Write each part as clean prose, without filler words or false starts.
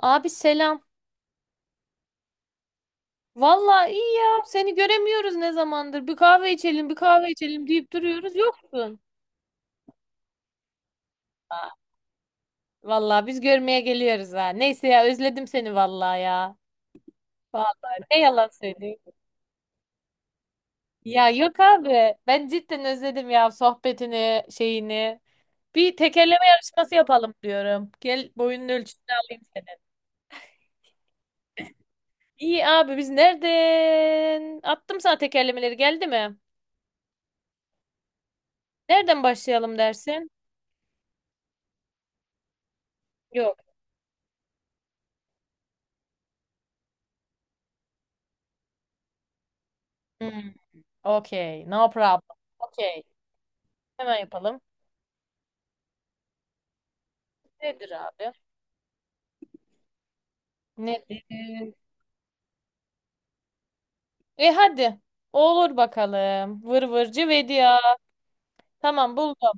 Abi selam. Vallahi iyi ya. Seni göremiyoruz ne zamandır. Bir kahve içelim, bir kahve içelim deyip duruyoruz. Yoksun. Ha, Vallahi biz görmeye geliyoruz ha. Neyse ya özledim seni vallahi ya. Vallahi ne yalan söyleyeyim. Ya yok abi. Ben cidden özledim ya sohbetini, şeyini. Bir tekerleme yarışması yapalım diyorum. Gel boyunun ölçüsünü alayım senin. İyi abi biz nereden? Attım sana tekerlemeleri geldi mi? Nereden başlayalım dersin? Yok. Hmm. Okey. No problem. Okey. Hemen yapalım. Nedir abi? Nedir? E hadi. Olur bakalım. Vır vırcı vedia. Tamam buldum.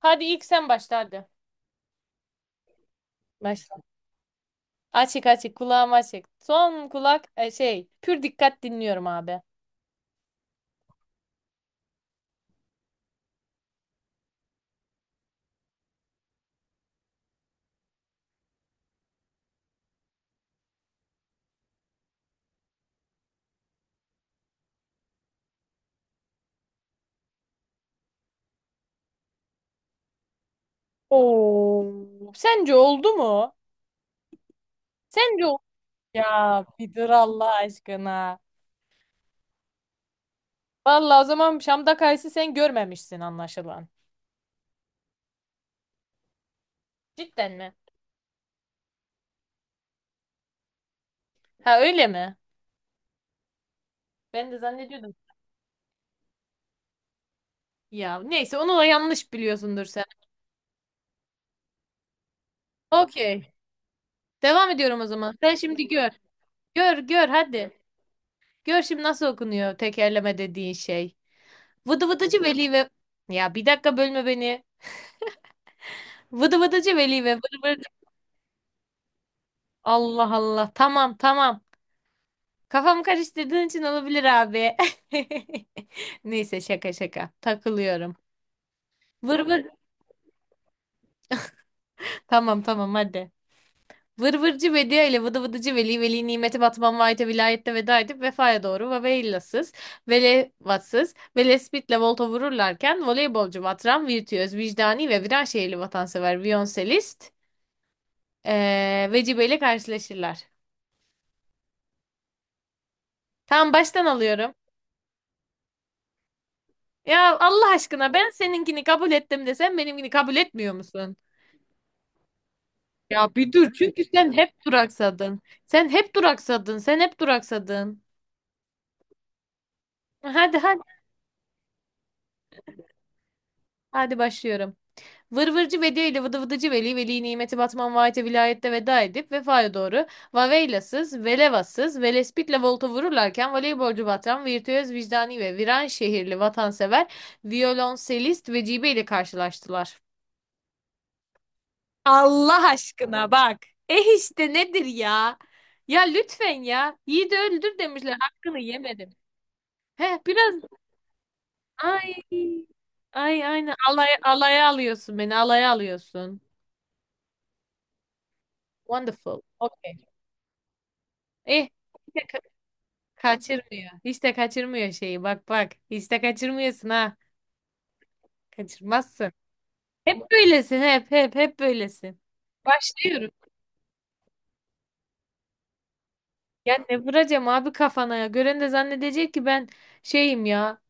Hadi ilk sen başla hadi. Başla. Açık açık kulağım açık. Son kulak şey pür dikkat dinliyorum abi. Oo. Sence oldu mu? Sence oldu. Ya bir dur Allah aşkına. Vallahi o zaman Şam'da kayısı sen görmemişsin anlaşılan. Cidden mi? Ha öyle mi? Ben de zannediyordum. Ya neyse onu da yanlış biliyorsundur sen. Okey. Devam ediyorum o zaman. Sen şimdi gör. Gör gör hadi. Gör şimdi nasıl okunuyor tekerleme dediğin şey. Vıdı vıdıcı veli ve... Ya bir dakika bölme beni. Vıdı vıdıcı veli ve vır vır... Allah Allah. Tamam tamam. Kafamı karıştırdığın için olabilir abi. Neyse şaka şaka. Takılıyorum. Vır vır. Tamam tamam hadi. Vır vırcı Vedia ile vıdı vıdıcı Veli, Veli nimeti Batman Vahit'e vilayette veda edip vefaya doğru Vaveillasız, Velevatsız ve Lespitle volta vururlarken voleybolcu Vatran, virtüöz, vicdani ve viran şehirli vatansever viyonselist Vecibe ile karşılaşırlar. Tamam baştan alıyorum. Ya Allah aşkına ben seninkini kabul ettim de sen benimkini kabul etmiyor musun? Ya bir dur çünkü sen hep duraksadın. Sen hep duraksadın. Sen hep duraksadın. Hadi hadi. Hadi başlıyorum. Vır vırcı Vedi ile vıdı vıdıcı Veli, Veli nimeti Batman vaate vilayette veda edip vefaya doğru Vaveylasız, Velevasız, Velespit'le volta vururlarken voleybolcu Batran, virtüöz vicdani ve viran şehirli vatansever, violonselist Vecibe ile karşılaştılar. Allah aşkına bak. Eh işte nedir ya? Ya lütfen ya. Yiğidi öldür demişler. Hakkını yemedim. He biraz ay ay aynen alay alaya alıyorsun beni. Alaya alıyorsun. Wonderful. Okay. Eh, hiç de kaçırmıyor. Hiç de kaçırmıyor şeyi. Bak bak. Hiç de kaçırmıyorsun ha. Kaçırmazsın. Hep böylesin hep hep hep böylesin. Başlıyorum. Ya ne vuracağım abi kafana ya. Gören de zannedecek ki ben şeyim ya.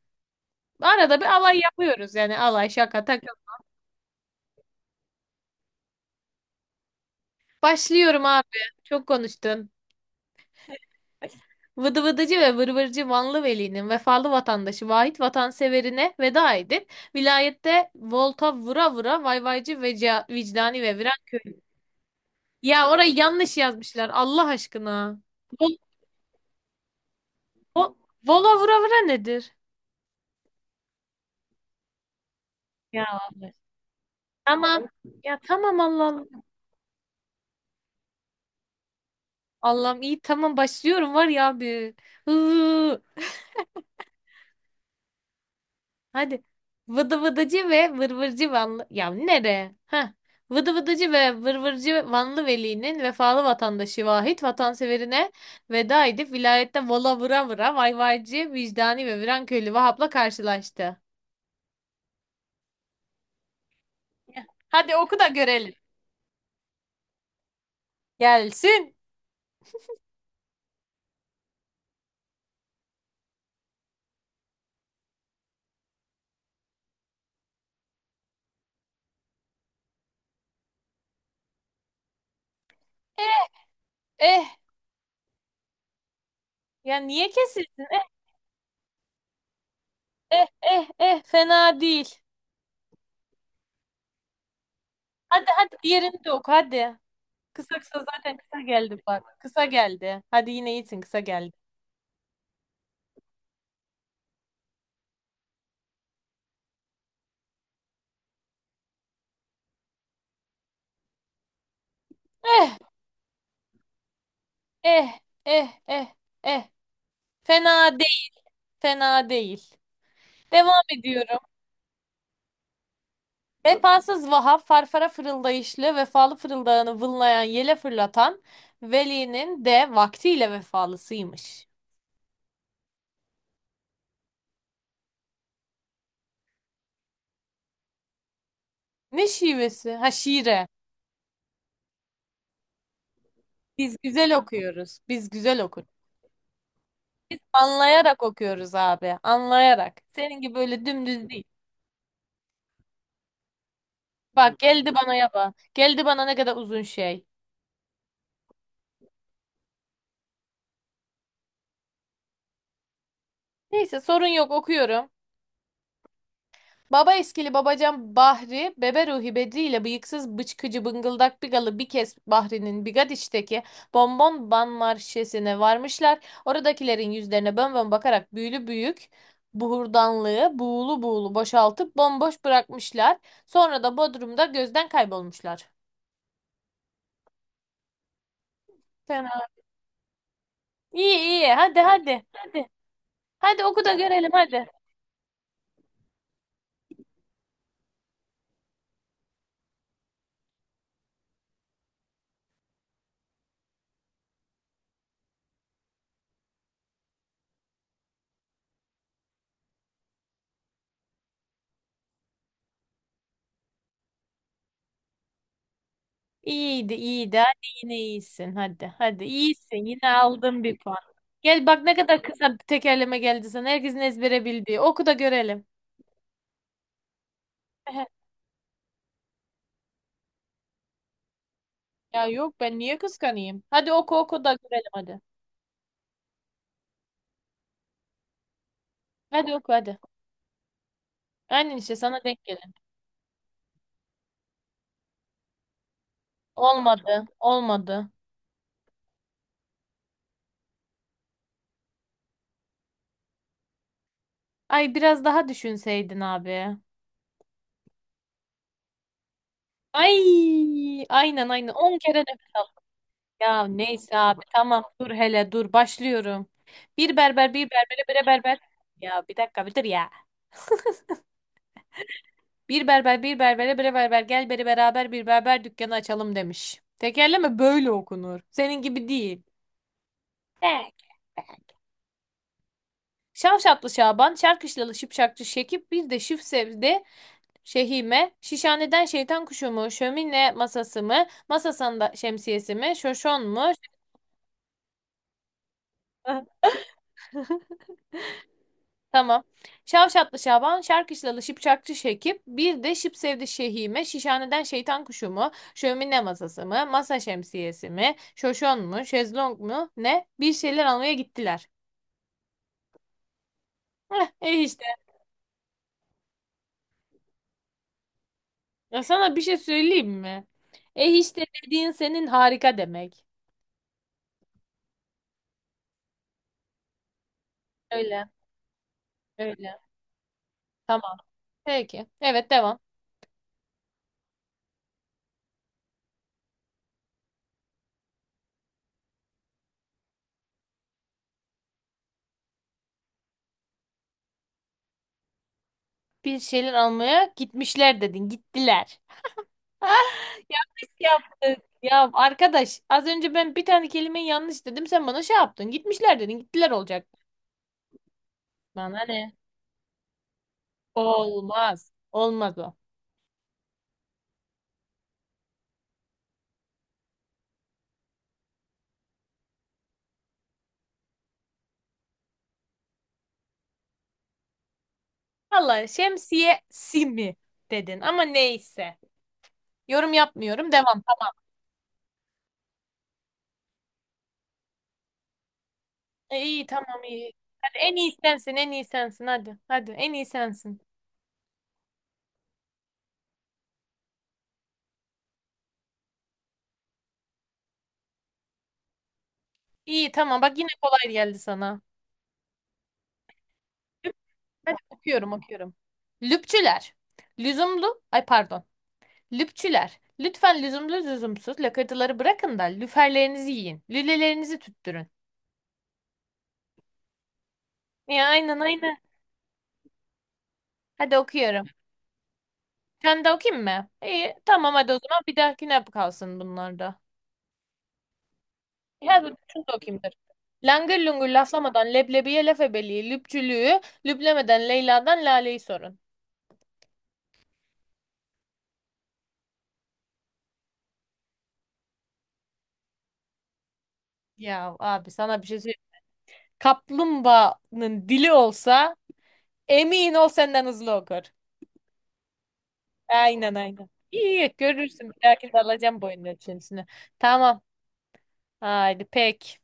Arada bir alay yapıyoruz yani alay şaka takıl. Başlıyorum abi. Çok konuştun. Vıdı vıdıcı ve vırvırcı Vanlı Veli'nin vefalı vatandaşı Vahit vatanseverine veda edip vilayette volta vura vura vayvaycı veca, vicdani ve viran. Ya orayı yanlış yazmışlar Allah aşkına. Vol, vo- vola vura vura nedir? Ya abi. Tamam. Ya tamam Allah Allah. Allah'ım iyi tamam başlıyorum var ya abi. Hıı. Hadi. Vıdı vıdıcı ve vırvırcı Vanlı. Ya nere? Ha. Vıdı vıdıcı ve vırvırcı Vanlı Veli'nin vefalı vatandaşı Vahit vatanseverine veda edip vilayette vola vura vura vayvaycı, vicdani ve Viranköylü Vahap'la karşılaştı. Hadi oku da görelim. Gelsin. Eh, ya niye kesilsin? Eh eh eh eh, fena değil. Hadi hadi diğerini de oku hadi. Kısa kısa zaten kısa geldi bak. Kısa geldi. Hadi yine iyisin kısa geldi. Eh eh eh eh eh. Fena değil fena değil. Devam ediyorum. Vefasız Vahap farfara fırıldayışlı vefalı fırıldağını vınlayan yele fırlatan Veli'nin de vaktiyle vefalısıymış. Ne şivesi? Ha şiire. Biz güzel okuyoruz. Biz güzel okuruz. Biz anlayarak okuyoruz abi. Anlayarak. Senin gibi böyle dümdüz değil. Bak geldi bana yaba. Geldi bana ne kadar uzun şey. Neyse sorun yok okuyorum. Baba eskili babacan Bahri, bebe Ruhi Bedri ile bıyıksız bıçkıcı bıngıldak bigalı bir kez Bahri'nin Bigadiş'teki bonbon ban marşesine varmışlar. Oradakilerin yüzlerine bön bön bakarak büyülü büyük buhurdanlığı buğulu buğulu boşaltıp bomboş bırakmışlar. Sonra da Bodrum'da gözden kaybolmuşlar. İyi iyi. Hadi hadi. Hadi. Hadi oku da görelim hadi. İyiydi iyiydi. Hadi yine iyisin. Hadi hadi. İyisin yine aldın bir puan. Gel bak ne kadar kısa bir tekerleme geldi sana. Herkesin ezbere bildiği. Oku da görelim. Ehe. Ya yok ben niye kıskanayım? Hadi oku oku da görelim hadi. Hadi oku hadi. Aynen işte sana denk gelin. Olmadı. Olmadı. Ay biraz daha düşünseydin abi. Ay aynen aynen. 10 kere nefes. Ya neyse abi tamam dur hele dur başlıyorum. Bir berber bir berbere bire berber. Ya bir dakika bir dur ya. Bir berber bir berbere bire berber gel beri beraber bir berber dükkanı açalım demiş. Tekerleme böyle okunur. Senin gibi değil. Evet. Şavşatlı Şaban, Çarkışlalı Şıpşakçı Şekip, bir de Şif sevdi Şehime, Şişhaneden şeytan kuşu mu, şömine masası mı, masasında şemsiyesi mi, şoşon mu? Tamam. Şavşatlı Şaban, Şarkışlalı Şipşakçı Şekip, bir de Şıp Sevdi Şehime, Şişhaneden Şeytan Kuşu mu, Şömine Masası mı, Masa Şemsiyesi mi, Şoşon mu, Şezlong mu, ne? Bir şeyler almaya gittiler. Heh, eh işte. Ya sana bir şey söyleyeyim mi? Eh işte dediğin senin harika demek. Öyle, öyle. Tamam. Peki. Evet, devam. Bir şeyler almaya gitmişler dedin, gittiler. Yaptık. Ya arkadaş az önce ben bir tane kelimeyi yanlış dedim sen bana şey yaptın. Gitmişler dedin. Gittiler olacak. Bana ne? Olmaz. Olmaz o. Vallahi şemsiye simi dedin ama neyse. Yorum yapmıyorum. Devam. İyi tamam iyi. Hadi en iyi sensin en iyi sensin hadi. Hadi en iyi sensin. İyi tamam bak yine kolay geldi sana. Lüp- Hadi okuyorum okuyorum. Lüpçüler. Lüzumlu. Ay pardon. Lüpçüler, lütfen lüzumlu lüzumsuz lakırtıları bırakın da lüferlerinizi yiyin, lülelerinizi tüttürün. Ya aynen aynen. Hadi okuyorum. Sen de okuyayım mı? İyi, tamam hadi o zaman bir dahakine kalsın bunlar da. Hadi şunu da okuyayım dur. Langır lungur laflamadan leblebiye laf ebeliği, lüpçülüğü, lüplemeden Leyla'dan Lale'yi sorun. Ya abi sana bir şey söyleyeyim. Kaplumbağanın dili olsa emin ol senden hızlı okur. Aynen aynen. İyi görürsün. Bir dahakinde alacağım boyun ölçüsünü. Tamam. Haydi pek.